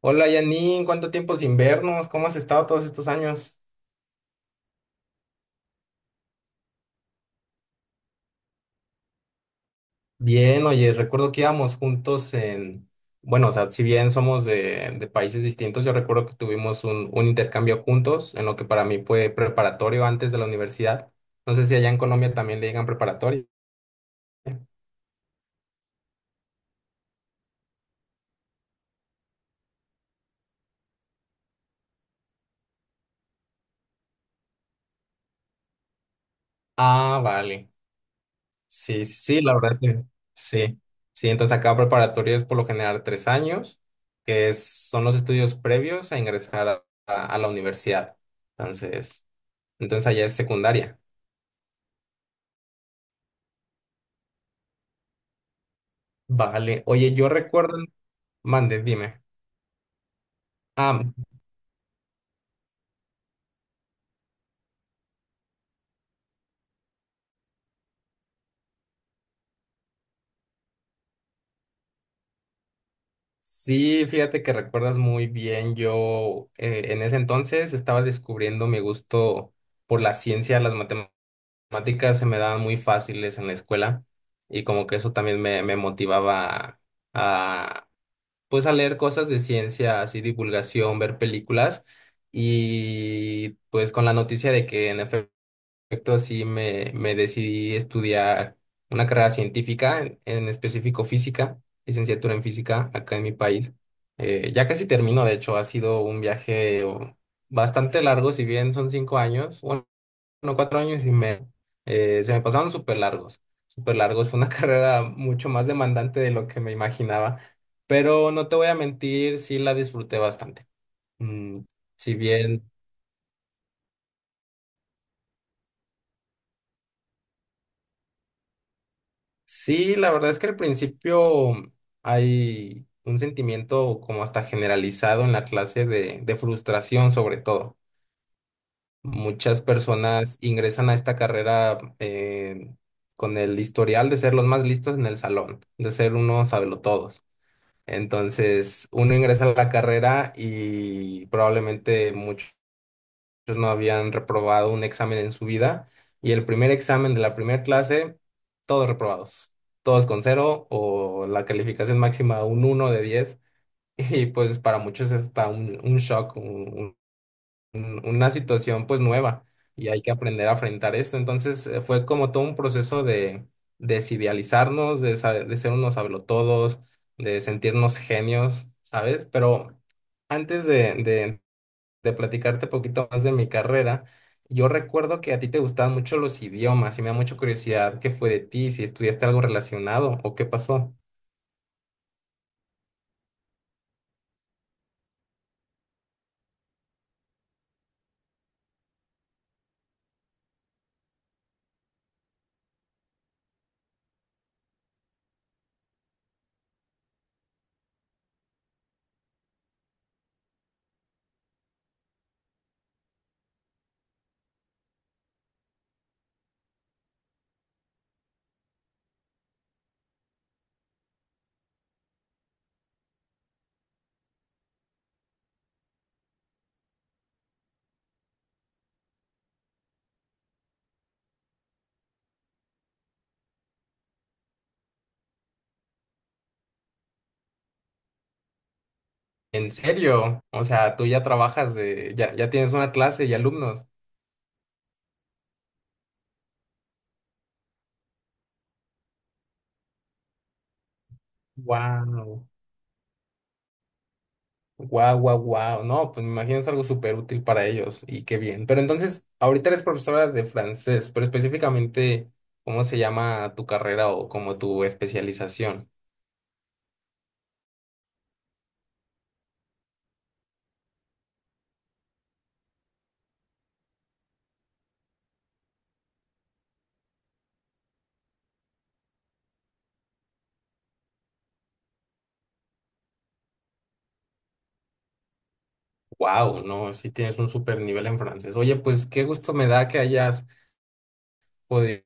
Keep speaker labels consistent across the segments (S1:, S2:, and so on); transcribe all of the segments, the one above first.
S1: Hola Janine, ¿cuánto tiempo sin vernos? ¿Cómo has estado todos estos años? Bien, oye, recuerdo que íbamos juntos en, bueno, o sea, si bien somos de, países distintos, yo recuerdo que tuvimos un intercambio juntos en lo que para mí fue preparatorio antes de la universidad. No sé si allá en Colombia también le digan preparatorio. Ah, vale. Sí, sí, sí, la verdad es que sí. Sí, entonces acá preparatorio es por lo general 3 años, son los estudios previos a ingresar a la universidad. Entonces... Entonces allá es secundaria. Vale. Oye, yo recuerdo. Mande, dime. Ah, sí, fíjate que recuerdas muy bien. Yo en ese entonces estaba descubriendo mi gusto por la ciencia, las matemáticas se me daban muy fáciles en la escuela y como que eso también me motivaba a, pues a leer cosas de ciencia, así divulgación, ver películas y pues con la noticia de que en efecto, sí me decidí estudiar una carrera científica, en específico física, licenciatura en física acá en mi país. Ya casi termino, de hecho, ha sido un viaje bastante largo, si bien son 5 años, bueno, 4 años y medio, se me pasaron súper largos, súper largos. Fue una carrera mucho más demandante de lo que me imaginaba, pero no te voy a mentir, sí la disfruté bastante. Mm, si bien Sí, la verdad es que al principio hay un sentimiento como hasta generalizado en la clase de, frustración sobre todo. Muchas personas ingresan a esta carrera con el historial de ser los más listos en el salón, de ser unos sabelotodos. Entonces, uno ingresa a la carrera y probablemente muchos ellos no habían reprobado un examen en su vida y el primer examen de la primera clase, todos reprobados, todos con cero o la calificación máxima un 1 de 10 y pues para muchos está un shock, una situación pues nueva y hay que aprender a enfrentar esto. Entonces fue como todo un proceso de desidealizarnos, de ser unos hablotodos, de sentirnos genios, ¿sabes? Pero antes de platicarte un poquito más de mi carrera. Yo recuerdo que a ti te gustaban mucho los idiomas y me da mucha curiosidad qué fue de ti, si estudiaste algo relacionado o qué pasó. ¿En serio? O sea, tú ya trabajas, ya tienes una clase y alumnos. Wow, wow, wow, wow. No, pues me imagino es algo súper útil para ellos y qué bien. Pero entonces, ahorita eres profesora de francés, pero específicamente, ¿cómo se llama tu carrera o como tu especialización? Wow, no, sí tienes un super nivel en francés. Oye, pues qué gusto me da que hayas podido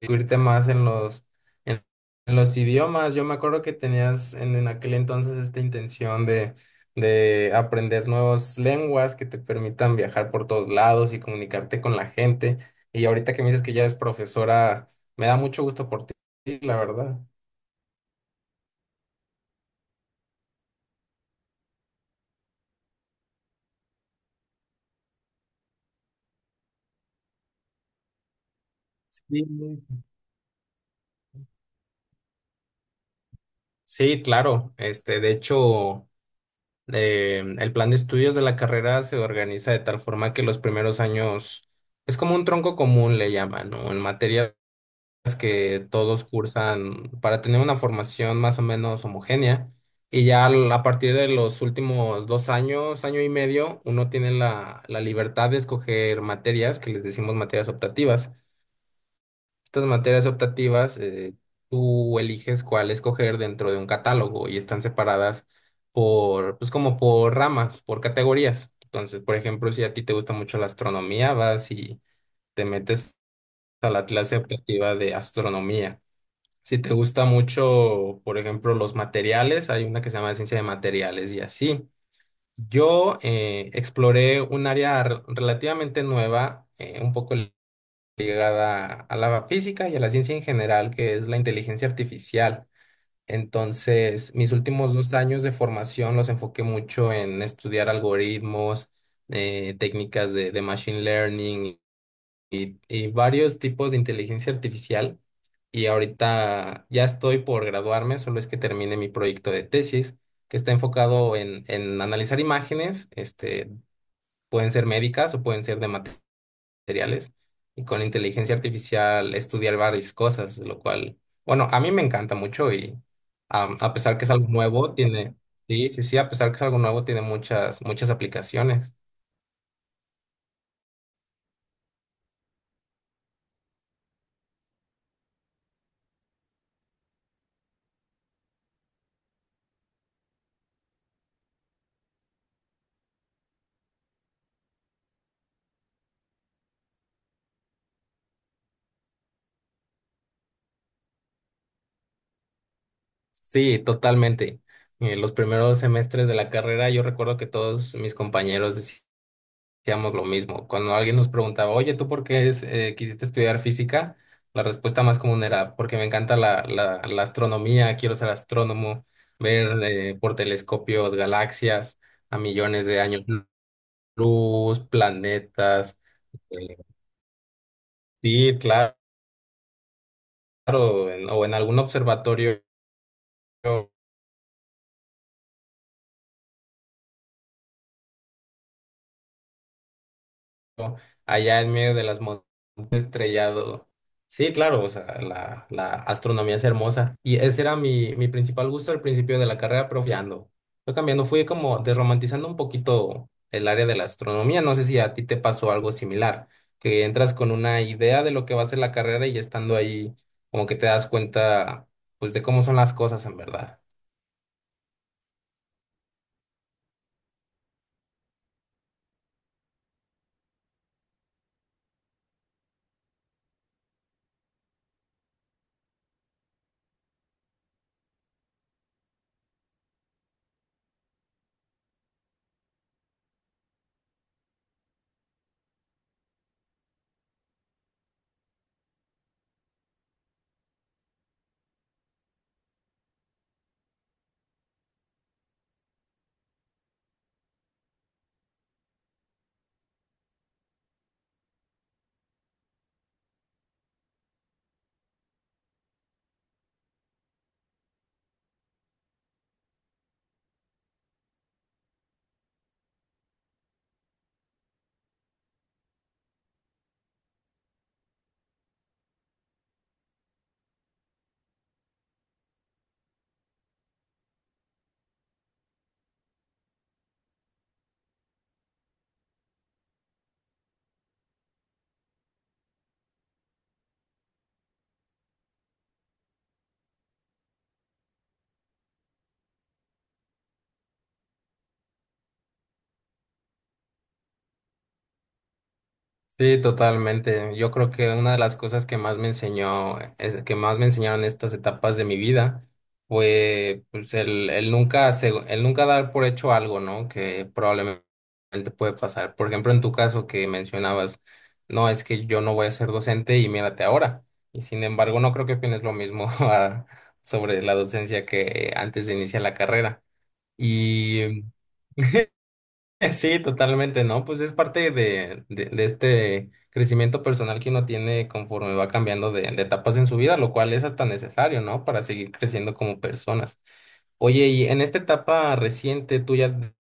S1: irte más en en, los idiomas. Yo me acuerdo que tenías en aquel entonces esta intención de aprender nuevas lenguas que te permitan viajar por todos lados y comunicarte con la gente. Y ahorita que me dices que ya eres profesora, me da mucho gusto por ti, la verdad. Sí. Sí, claro. Este, de hecho. El plan de estudios de la carrera se organiza de tal forma que los primeros años es como un tronco común, le llaman, ¿no? En materias que todos cursan para tener una formación más o menos homogénea. Y ya a partir de los últimos 2 años, año y medio, uno tiene la libertad de escoger materias que les decimos materias optativas. Estas materias optativas, tú eliges cuál escoger dentro de un catálogo y están separadas pues como por ramas, por categorías. Entonces, por ejemplo, si a ti te gusta mucho la astronomía, vas y te metes a la clase optativa de astronomía. Si te gusta mucho, por ejemplo, los materiales, hay una que se llama ciencia de materiales y así. Yo exploré un área relativamente nueva, un poco ligada a la física y a la ciencia en general, que es la inteligencia artificial. Entonces, mis últimos 2 años de formación los enfoqué mucho en estudiar algoritmos, técnicas de machine learning y varios tipos de inteligencia artificial. Y ahorita ya estoy por graduarme, solo es que termine mi proyecto de tesis, que está enfocado en analizar imágenes, pueden ser médicas o pueden ser de materiales y con inteligencia artificial estudiar varias cosas, lo cual, bueno, a mí me encanta mucho y a pesar que es algo nuevo, sí, sí, sí, a pesar que es algo nuevo, tiene muchas, muchas aplicaciones. Sí, totalmente. En los primeros semestres de la carrera yo recuerdo que todos mis compañeros hacíamos lo mismo. Cuando alguien nos preguntaba, oye, ¿tú por qué quisiste estudiar física? La respuesta más común era, porque me encanta la astronomía, quiero ser astrónomo, ver por telescopios galaxias a millones de años luz, planetas. eh, sí, claro, o en algún observatorio, ¿no? Allá en medio de las montañas estrellado. Sí, claro, o sea, la astronomía es hermosa. Y ese era mi principal gusto al principio de la carrera, pero fui cambiando. Fue cambiando, fui como desromantizando un poquito el área de la astronomía. No sé si a ti te pasó algo similar, que entras con una idea de lo que va a ser la carrera y estando ahí, como que te das cuenta, pues, de cómo son las cosas en verdad. Sí, totalmente. Yo creo que una de las cosas que más que más me enseñaron estas etapas de mi vida fue pues el nunca dar por hecho algo, ¿no? Que probablemente puede pasar. Por ejemplo, en tu caso que mencionabas, no, es que yo no voy a ser docente y mírate ahora. Y sin embargo, no creo que opines lo mismo sobre la docencia que antes de iniciar la carrera. Sí, totalmente, ¿no? Pues es parte de este crecimiento personal que uno tiene conforme va cambiando de etapas en su vida, lo cual es hasta necesario, ¿no? Para seguir creciendo como personas. Oye, y en esta etapa reciente tuya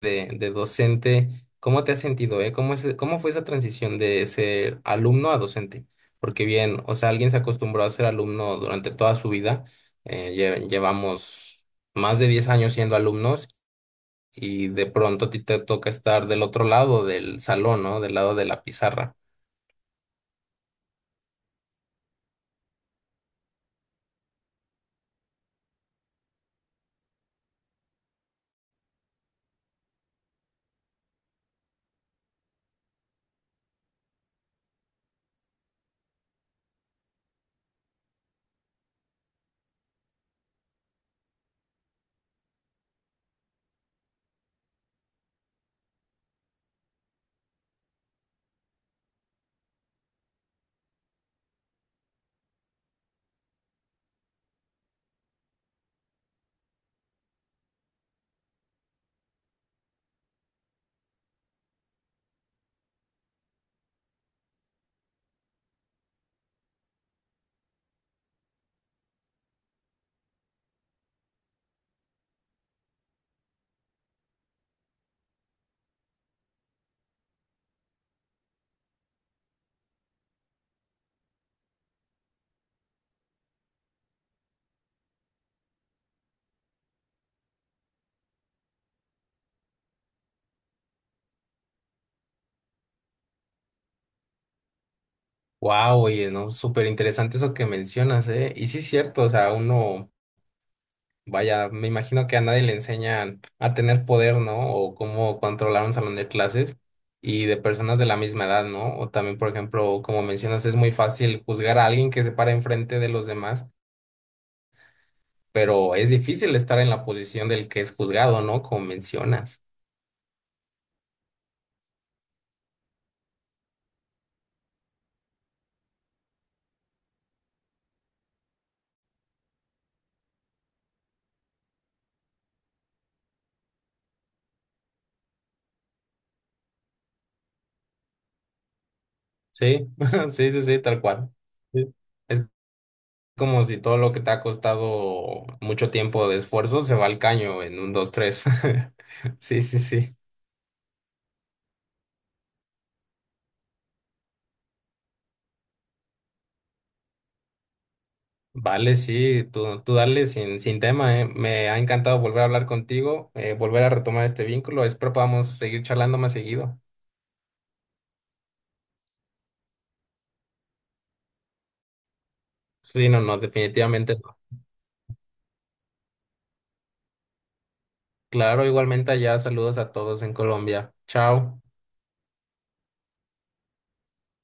S1: de docente, ¿cómo te has sentido, eh? ¿Cómo cómo fue esa transición de ser alumno a docente? Porque bien, o sea, alguien se acostumbró a ser alumno durante toda su vida, llevamos más de 10 años siendo alumnos y de pronto a ti te toca estar del otro lado del salón, ¿no? Del lado de la pizarra. Wow, oye, ¿no? Súper interesante eso que mencionas, ¿eh? Y sí es cierto, o sea, uno, vaya, me imagino que a nadie le enseñan a tener poder, ¿no? O cómo controlar un salón de clases y de personas de la misma edad, ¿no? O también, por ejemplo, como mencionas, es muy fácil juzgar a alguien que se para enfrente de los demás, pero es difícil estar en la posición del que es juzgado, ¿no? Como mencionas. Sí, sí, sí, sí, tal cual. Sí. Es como si todo lo que te ha costado mucho tiempo de esfuerzo se va al caño en un, dos, tres. Sí, sí, sí. Vale, sí, tú dale sin tema, ¿eh? Me ha encantado volver a hablar contigo, volver a retomar este vínculo. Espero podamos seguir charlando más seguido. Sí, no, no, definitivamente no. Claro, igualmente allá, saludos a todos en Colombia. Chao.